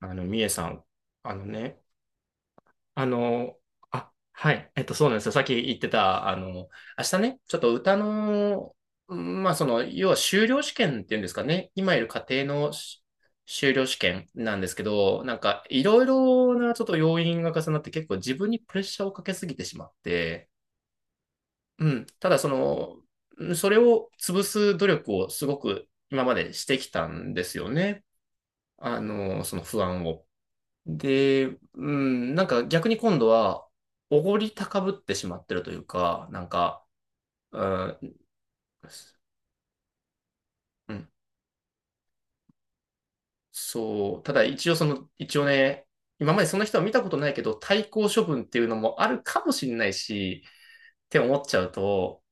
みえさん、あのね、あの、そうなんですよ。さっき言ってた、明日ね、ちょっと歌の、要は修了試験っていうんですかね、今いる家庭のし修了試験なんですけど、なんか、いろいろなちょっと要因が重なって、結構自分にプレッシャーをかけすぎてしまって、うん、ただ、それを潰す努力をすごく今までしてきたんですよね。その不安を。で、うん、なんか逆に今度は、おごり高ぶってしまってるというか、なんか、うん、うん、そう、ただ一応その、一応ね、今までその人は見たことないけど、対抗処分っていうのもあるかもしれないし、って思っちゃうと、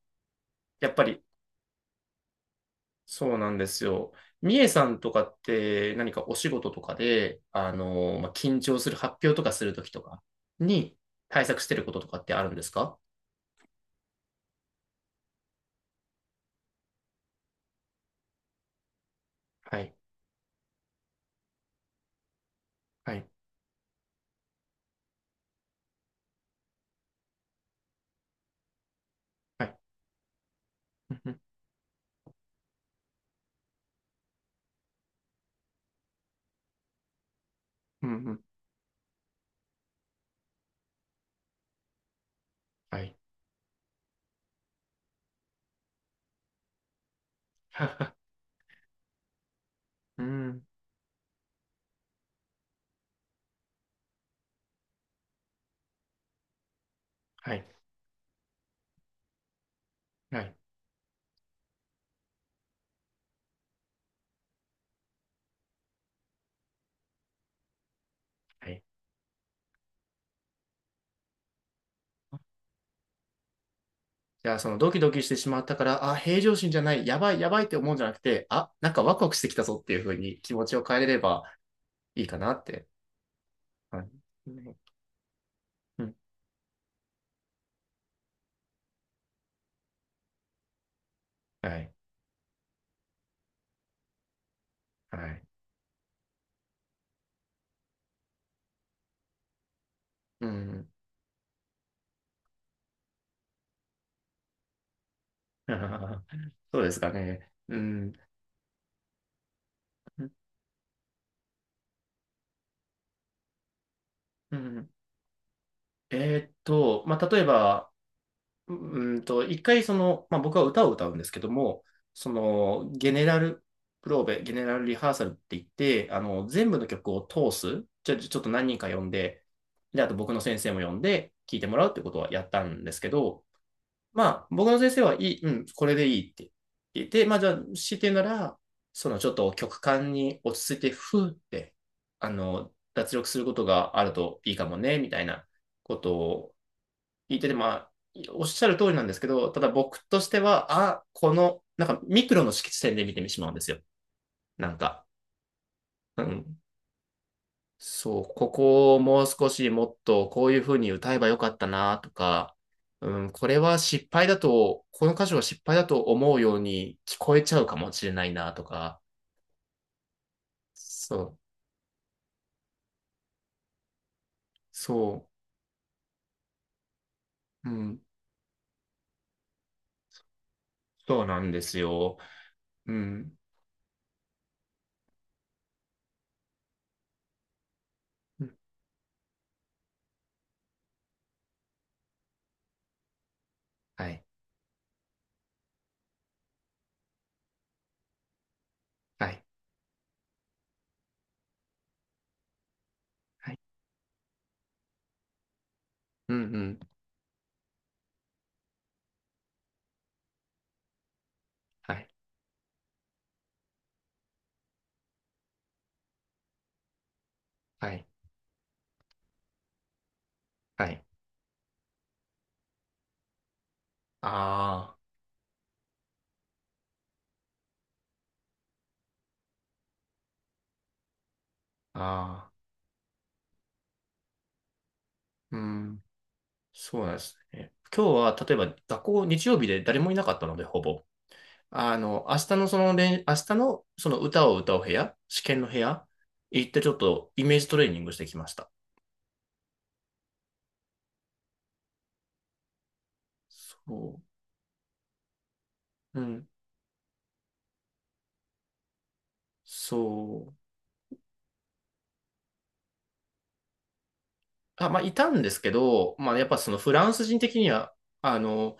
やっぱり、そうなんですよ。みえさんとかって何かお仕事とかで、まあ、緊張する発表とかするときとかに対策してることとかってあるんですか？はい。はい。はい。うんうんうんうんはい。うん。はい。はい。はい。じゃあ、そのドキドキしてしまったから、あ、平常心じゃない、やばい、やばいって思うんじゃなくて、あ、なんかワクワクしてきたぞっていうふうに気持ちを変えれればいいかなって。はい。ねうん。はい。はい。うん。そうですかね。うん。うん。えまあ、例えば、一回その、まあ、僕は歌を歌うんですけども、その、ゲネラルプローベ、ゲネラルリハーサルって言って、全部の曲を通す、ちょっと何人か呼んで、で、あと僕の先生も呼んで、聞いてもらうってことはやったんですけど、まあ、僕の先生はいい、うん、これでいいって言って、まあ、じゃあ、強いて言うなら、そのちょっと曲間に落ち着いて、ふーって、脱力することがあるといいかもね、みたいなことを聞いてて、まあ、おっしゃる通りなんですけど、ただ僕としては、あ、この、なんかミクロの色地点で見てしまうんですよ。なんか、うん。そう、ここをもう少しもっとこういう風に歌えばよかったなとか、うん、これは失敗だと、この歌詞は失敗だと思うように聞こえちゃうかもしれないなとか、そう、そう、うん、そうなんですよ。うん、うんはい、はい、はい、うん、うん、はい、はい、はい、ああ、ああ。うん、そうなんですね。今日は、例えば、学校、日曜日で誰もいなかったので、ほぼ。明日のその歌を歌う部屋、試験の部屋、行ってちょっとイメージトレーニングしてきました。そう。うん。そう。あ、まあ、いたんですけど、まあ、やっぱそのフランス人的には、あの、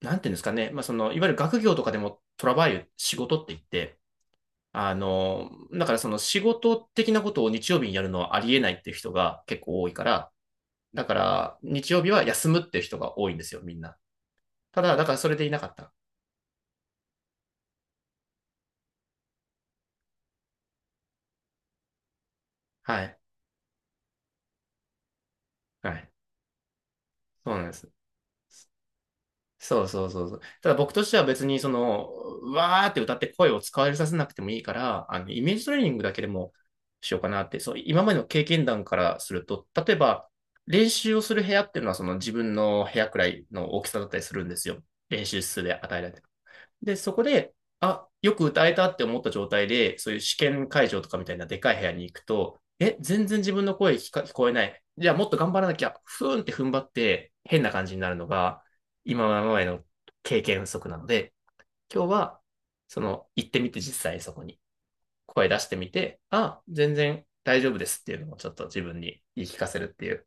なんていうんですかね、まあ、その、いわゆる学業とかでもトラバイル、仕事って言って、だからその仕事的なことを日曜日にやるのはありえないっていう人が結構多いから、だから、日曜日は休むって人が多いんですよ、みんな。ただ、だからそれでいなかった。はい。はい。そうなんです。そうそうそうそう。ただ僕としては別にその、うわーって歌って声を使われさせなくてもいいから、イメージトレーニングだけでもしようかなって、そう、今までの経験談からすると、例えば練習をする部屋っていうのはその自分の部屋くらいの大きさだったりするんですよ。練習室で与えられて。で、そこで、あ、よく歌えたって思った状態で、そういう試験会場とかみたいなでかい部屋に行くと、え、全然自分の声聞こえない。じゃあもっと頑張らなきゃ、ふーんって踏ん張って変な感じになるのが、今までの経験不足なので、今日は、その、行ってみて実際そこに声出してみて、あ、全然大丈夫ですっていうのをちょっと自分に言い聞かせるっていう。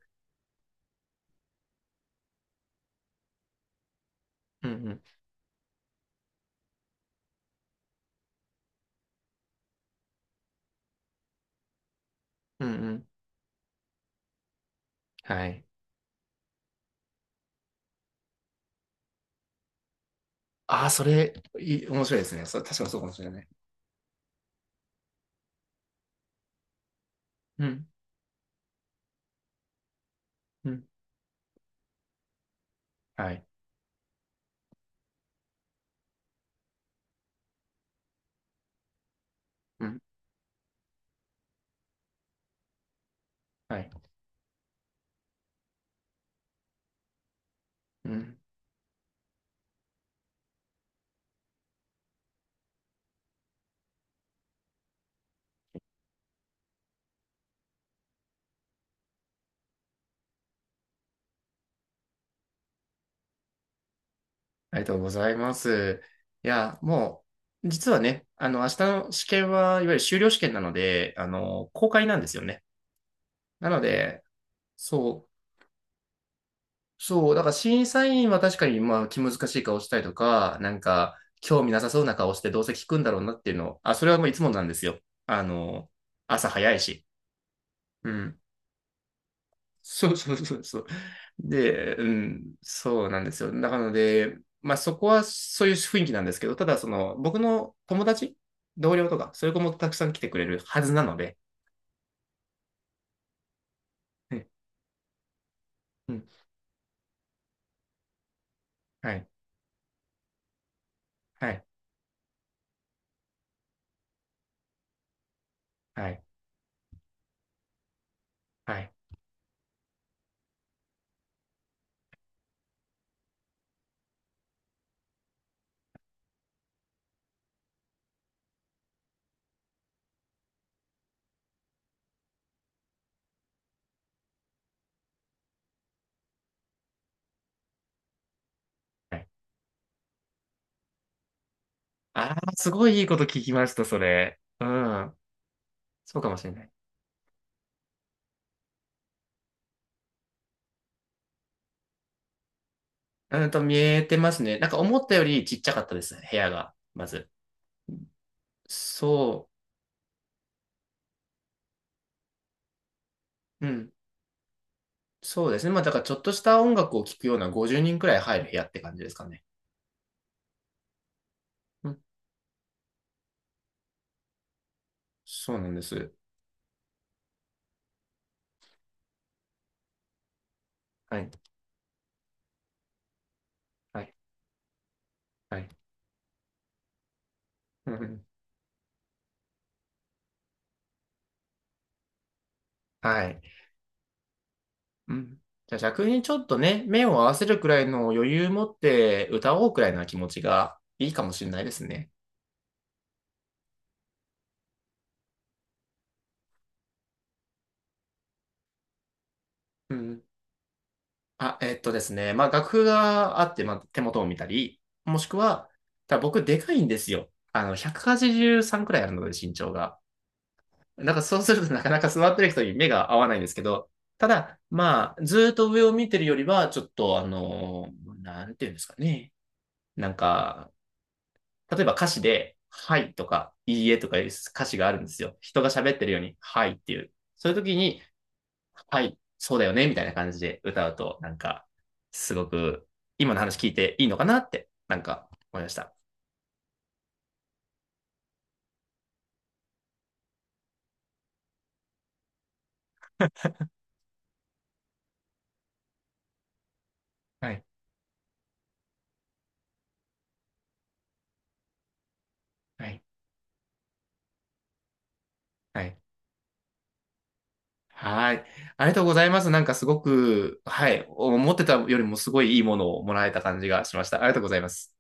うんうん。うんうん。はい。ああ、それ、いい面白いですね。それ確かにそうかもしれない。うん。うん。はい。うんはい。うん。ありがとうございます。いや、もう、実はね、明日の試験は、いわゆる修了試験なので、公開なんですよね。なので、そう、そう、だから審査員は確かに、まあ、気難しい顔したりとか、なんか、興味なさそうな顔してどうせ聞くんだろうなっていうのを、あ、それはもういつもなんですよ。あの、朝早いし。うん。そうそうそうそう。で、うん、そうなんですよ。だからので、まあそこはそういう雰囲気なんですけど、ただその僕の友達、同僚とか、そういう子もたくさん来てくれるはずなので、ねうん、はい、はい、はい、はい、はい。ああ、すごいいいこと聞きました、それ。うん、そうかもしれない。うんと、見えてますね。なんか思ったよりちっちゃかったですね、部屋が、まず。そう、うん、そうですね。まあだからちょっとした音楽を聴くような50人くらい入る部屋って感じですかね。そうなんです。はい。はい。はい。うん。はい。うん。じゃあ逆にちょっとね、目を合わせるくらいの余裕持って歌おうくらいな気持ちがいいかもしれないですね。うん。あ、えっとですね。まあ楽譜があって、まあ、手元を見たり、もしくは、ただ僕でかいんですよ。183くはちじゅうさんくらいあるので身長が。なんかそうするとなかなか座ってる人に目が合わないんですけど、ただ、まあ、ずーっと上を見てるよりは、ちょっと、なんていうんですかね。なんか、例えば歌詞で、はいとか、いいえとかいう歌詞があるんですよ。人が喋ってるように、はいっていう。そういう時に、はい、そうだよね、みたいな感じで歌うと、なんか、すごく、今の話聞いていいのかなって、なんか、思いました。はい、はい、はい。はい。ありがとうございます。なんかすごく、はい、思ってたよりもすごいいいものをもらえた感じがしました。ありがとうございます。